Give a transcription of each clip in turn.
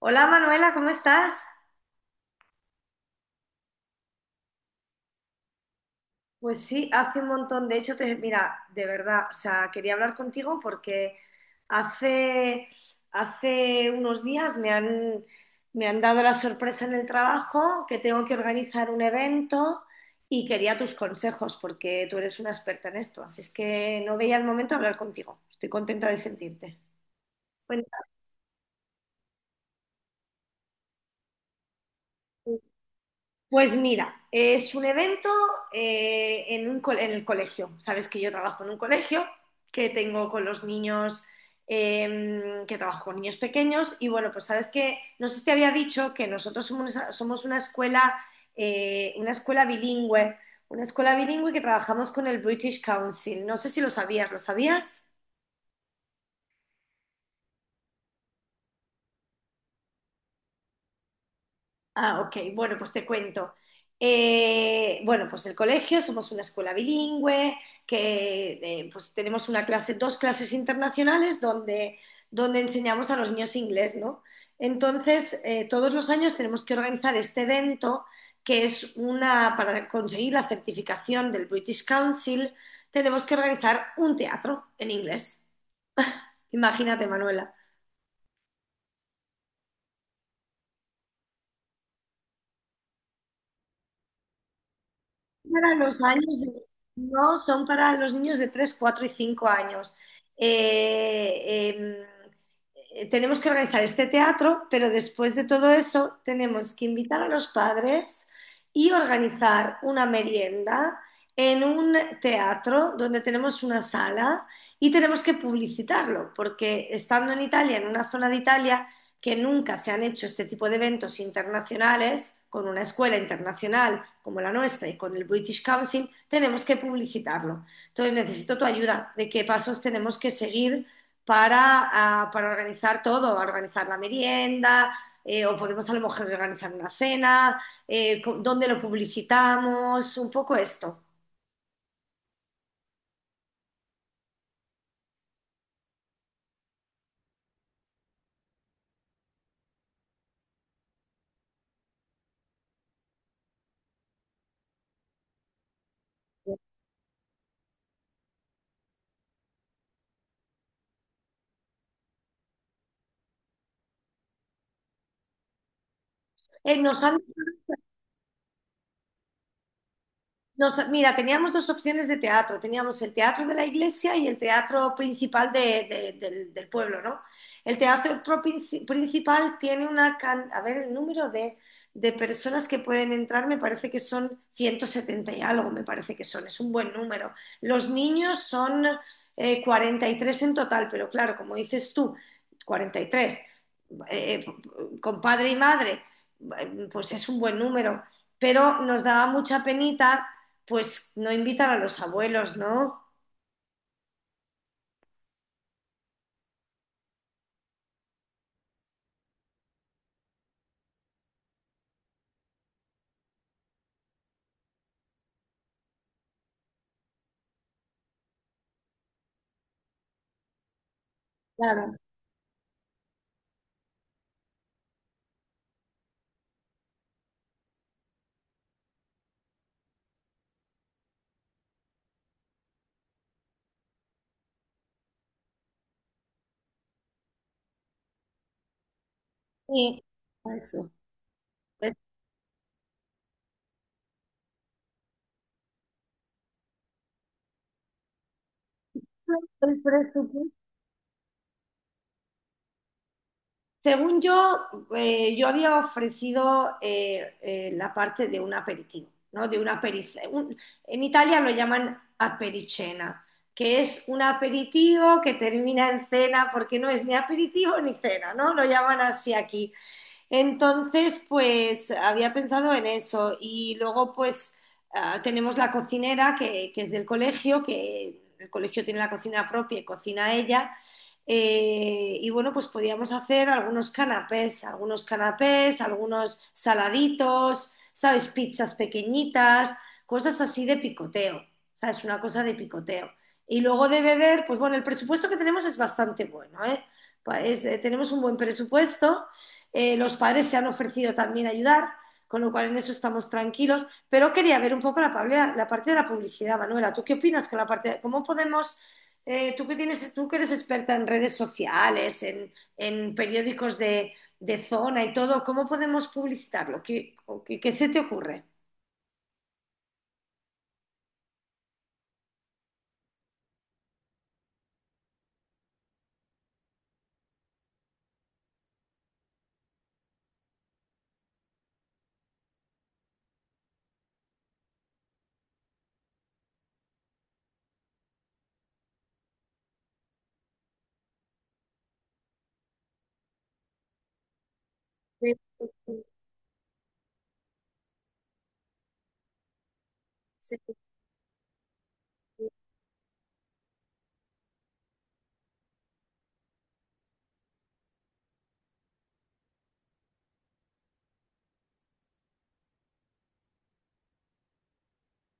Hola Manuela, ¿cómo estás? Pues sí, hace un montón. De hecho, te, mira, de verdad, o sea, quería hablar contigo porque hace, hace unos días me han dado la sorpresa en el trabajo que tengo que organizar un evento y quería tus consejos porque tú eres una experta en esto. Así es que no veía el momento de hablar contigo. Estoy contenta de sentirte. Cuéntame. Pues mira, es un evento en un en el colegio. Sabes que yo trabajo en un colegio, que tengo con los niños, que trabajo con niños pequeños. Y bueno, pues sabes que, no sé si te había dicho que nosotros somos eh, una escuela bilingüe, una escuela bilingüe que trabajamos con el British Council. No sé si lo sabías, ¿lo sabías? Ah, ok. Bueno, pues te cuento. Bueno, pues el colegio, somos una escuela bilingüe, que pues tenemos una clase, dos clases internacionales donde enseñamos a los niños inglés, ¿no? Entonces, todos los años tenemos que organizar este evento, que es una, para conseguir la certificación del British Council, tenemos que organizar un teatro en inglés. Imagínate, Manuela. Para los años de- no, son para los niños de 3, 4 y 5 años. Eh, em, tenemos que organizar este teatro, pero después de todo eso tenemos que invitar a los padres y organizar una merienda en un teatro donde tenemos una sala y tenemos que publicitarlo, porque estando en Italia, en una zona de Italia, que nunca se han hecho este tipo de eventos internacionales con una escuela internacional como la nuestra y con el British Council, tenemos que publicitarlo. Entonces necesito tu ayuda de qué pasos tenemos que seguir para organizar todo, organizar la merienda, o podemos a lo mejor organizar una cena, dónde lo publicitamos, un poco esto. Eh, nos han mira, teníamos dos opciones de teatro. Teníamos el teatro de la iglesia y el teatro principal del pueblo, ¿no? El teatro principal tiene una... a ver, el número de personas que pueden entrar me parece que son 170 y algo, me parece que son. Es un buen número. Los niños son 43 en total, pero claro, como dices tú, 43, eh, con padre y madre, pues es un buen número pero nos daba mucha penita pues no invitan a los abuelos, ¿no? Claro, sí, eso. Pues, el presupuesto- según yo, yo había ofrecido la parte de un aperitivo, ¿no? De una aperice- un- en Italia lo llaman apericena, que es un aperitivo que termina en cena, porque no es ni aperitivo ni cena, ¿no? Lo llaman así aquí. Entonces, pues había pensado en eso. Y luego, pues tenemos la cocinera que es del colegio, que el colegio tiene la cocina propia y cocina ella. Y bueno, pues podíamos hacer algunos canapés, algunos canapés, algunos saladitos, ¿sabes? Pizzas pequeñitas, cosas así de picoteo, ¿sabes? Una cosa de picoteo. Y luego de beber, pues bueno, el presupuesto que tenemos es bastante bueno, ¿eh? Tenemos un buen presupuesto los padres se han ofrecido también a ayudar, con lo cual en eso estamos tranquilos. Pero quería ver un poco parte de la publicidad, Manuela. ¿Tú qué opinas con la parte? De, ¿cómo podemos, tú, que tienes, tú que eres experta en redes sociales, en periódicos de, zona y todo, ¿cómo podemos publicitarlo? ¿ qué se te ocurre? Sí.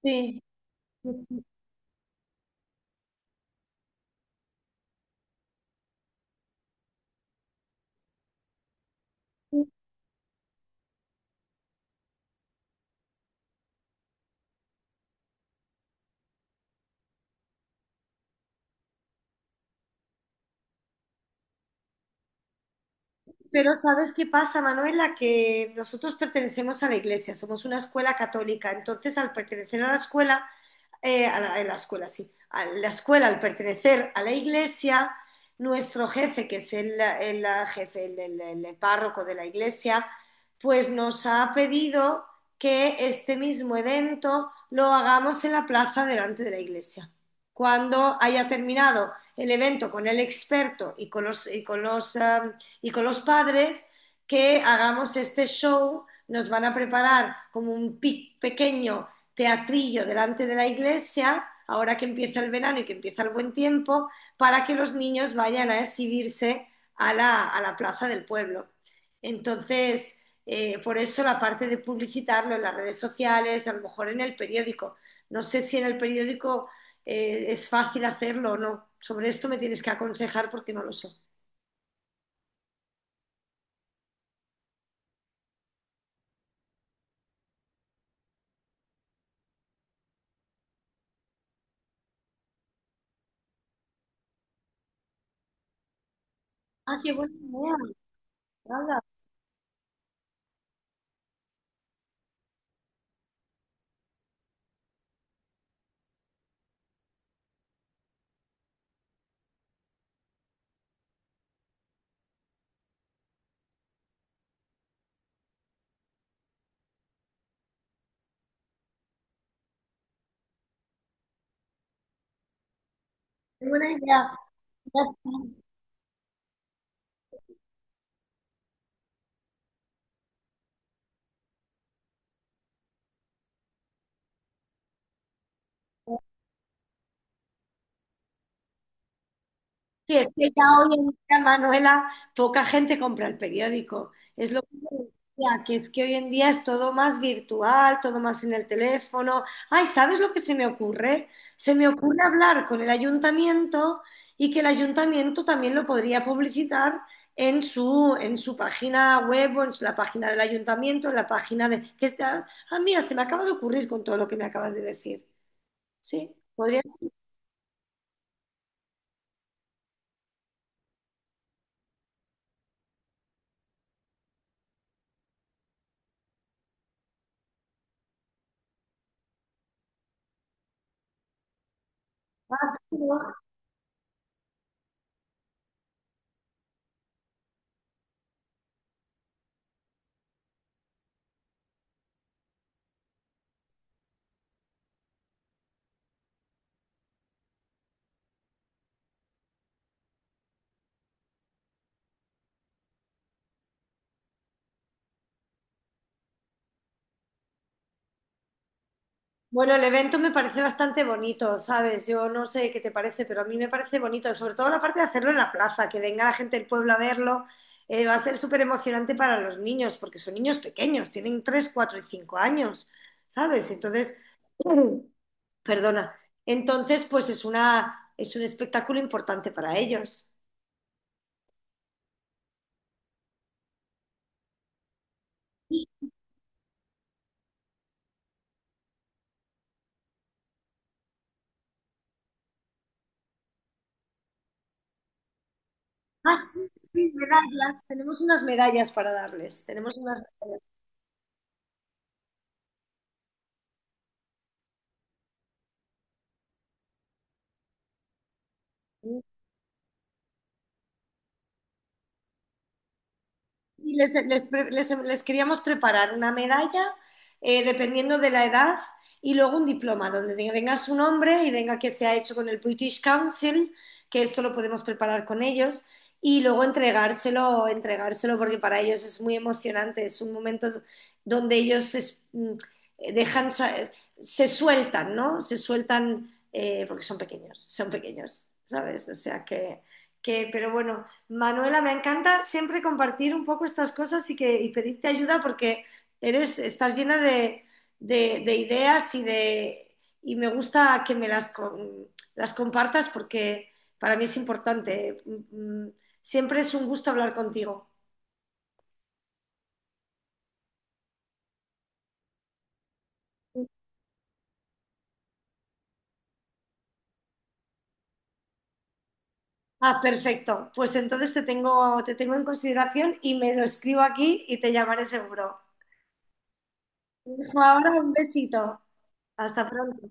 Sí. Sí, sí, sí. Pero ¿sabes qué pasa, Manuela? Que nosotros pertenecemos a la iglesia, somos una escuela católica, entonces al pertenecer a la escuela a la escuela, sí, a la escuela al pertenecer a la iglesia, nuestro jefe, que es el jefe, el párroco de la iglesia, pues nos ha pedido que este mismo evento lo hagamos en la plaza delante de la iglesia. Cuando haya terminado el evento con el experto y y y con los padres, que hagamos este show, nos van a preparar como un pequeño teatrillo delante de la iglesia, ahora que empieza el verano y que empieza el buen tiempo, para que los niños vayan a exhibirse a a la plaza del pueblo. Entonces, por eso la parte de publicitarlo en las redes sociales, a lo mejor en el periódico. No sé si en el periódico es fácil hacerlo o no. Sobre esto me tienes que aconsejar porque no lo sé. Ah, qué buena idea. Qué buena idea. Sí, es que ya hoy en día, Manuela, poca gente compra el periódico. Es lo que te decía, que es que hoy en día es todo más virtual, todo más en el teléfono. Ay, ¿sabes lo que se me ocurre? Se me ocurre hablar con el ayuntamiento y que el ayuntamiento también lo podría publicitar en su página web o en la página del ayuntamiento, en la página de... Que está... Ah, mira, se me acaba de ocurrir con todo lo que me acabas de decir. Sí, podría ser. ¿No? Bueno, el evento me parece bastante bonito, ¿sabes? Yo no sé qué te parece, pero a mí me parece bonito, sobre todo la parte de hacerlo en la plaza, que venga la gente del pueblo a verlo, va a ser súper emocionante para los niños, porque son niños pequeños, tienen 3, 4 y cinco años, ¿sabes? Entonces, perdona, entonces pues es un espectáculo importante para ellos. Ah, sí, sí, medallas, tenemos unas medallas para darles, tenemos unas... Y les queríamos preparar una medalla, dependiendo de la edad, y luego un diploma donde venga su nombre y venga que se ha hecho con el British Council, que esto lo podemos preparar con ellos, y luego entregárselo porque para ellos es muy emocionante, es un momento donde dejan, se sueltan, ¿no? Se sueltan porque son pequeños, ¿sabes? O sea que pero bueno. Manuela, me encanta siempre compartir un poco estas cosas y y pedirte ayuda porque eres, estás llena de, de ideas y, de, y me gusta que me las compartas porque para mí es importante. Siempre es un gusto hablar contigo. Ah, perfecto. Pues entonces te tengo en consideración y me lo escribo aquí y te llamaré seguro. Te Ahora un besito. Hasta pronto.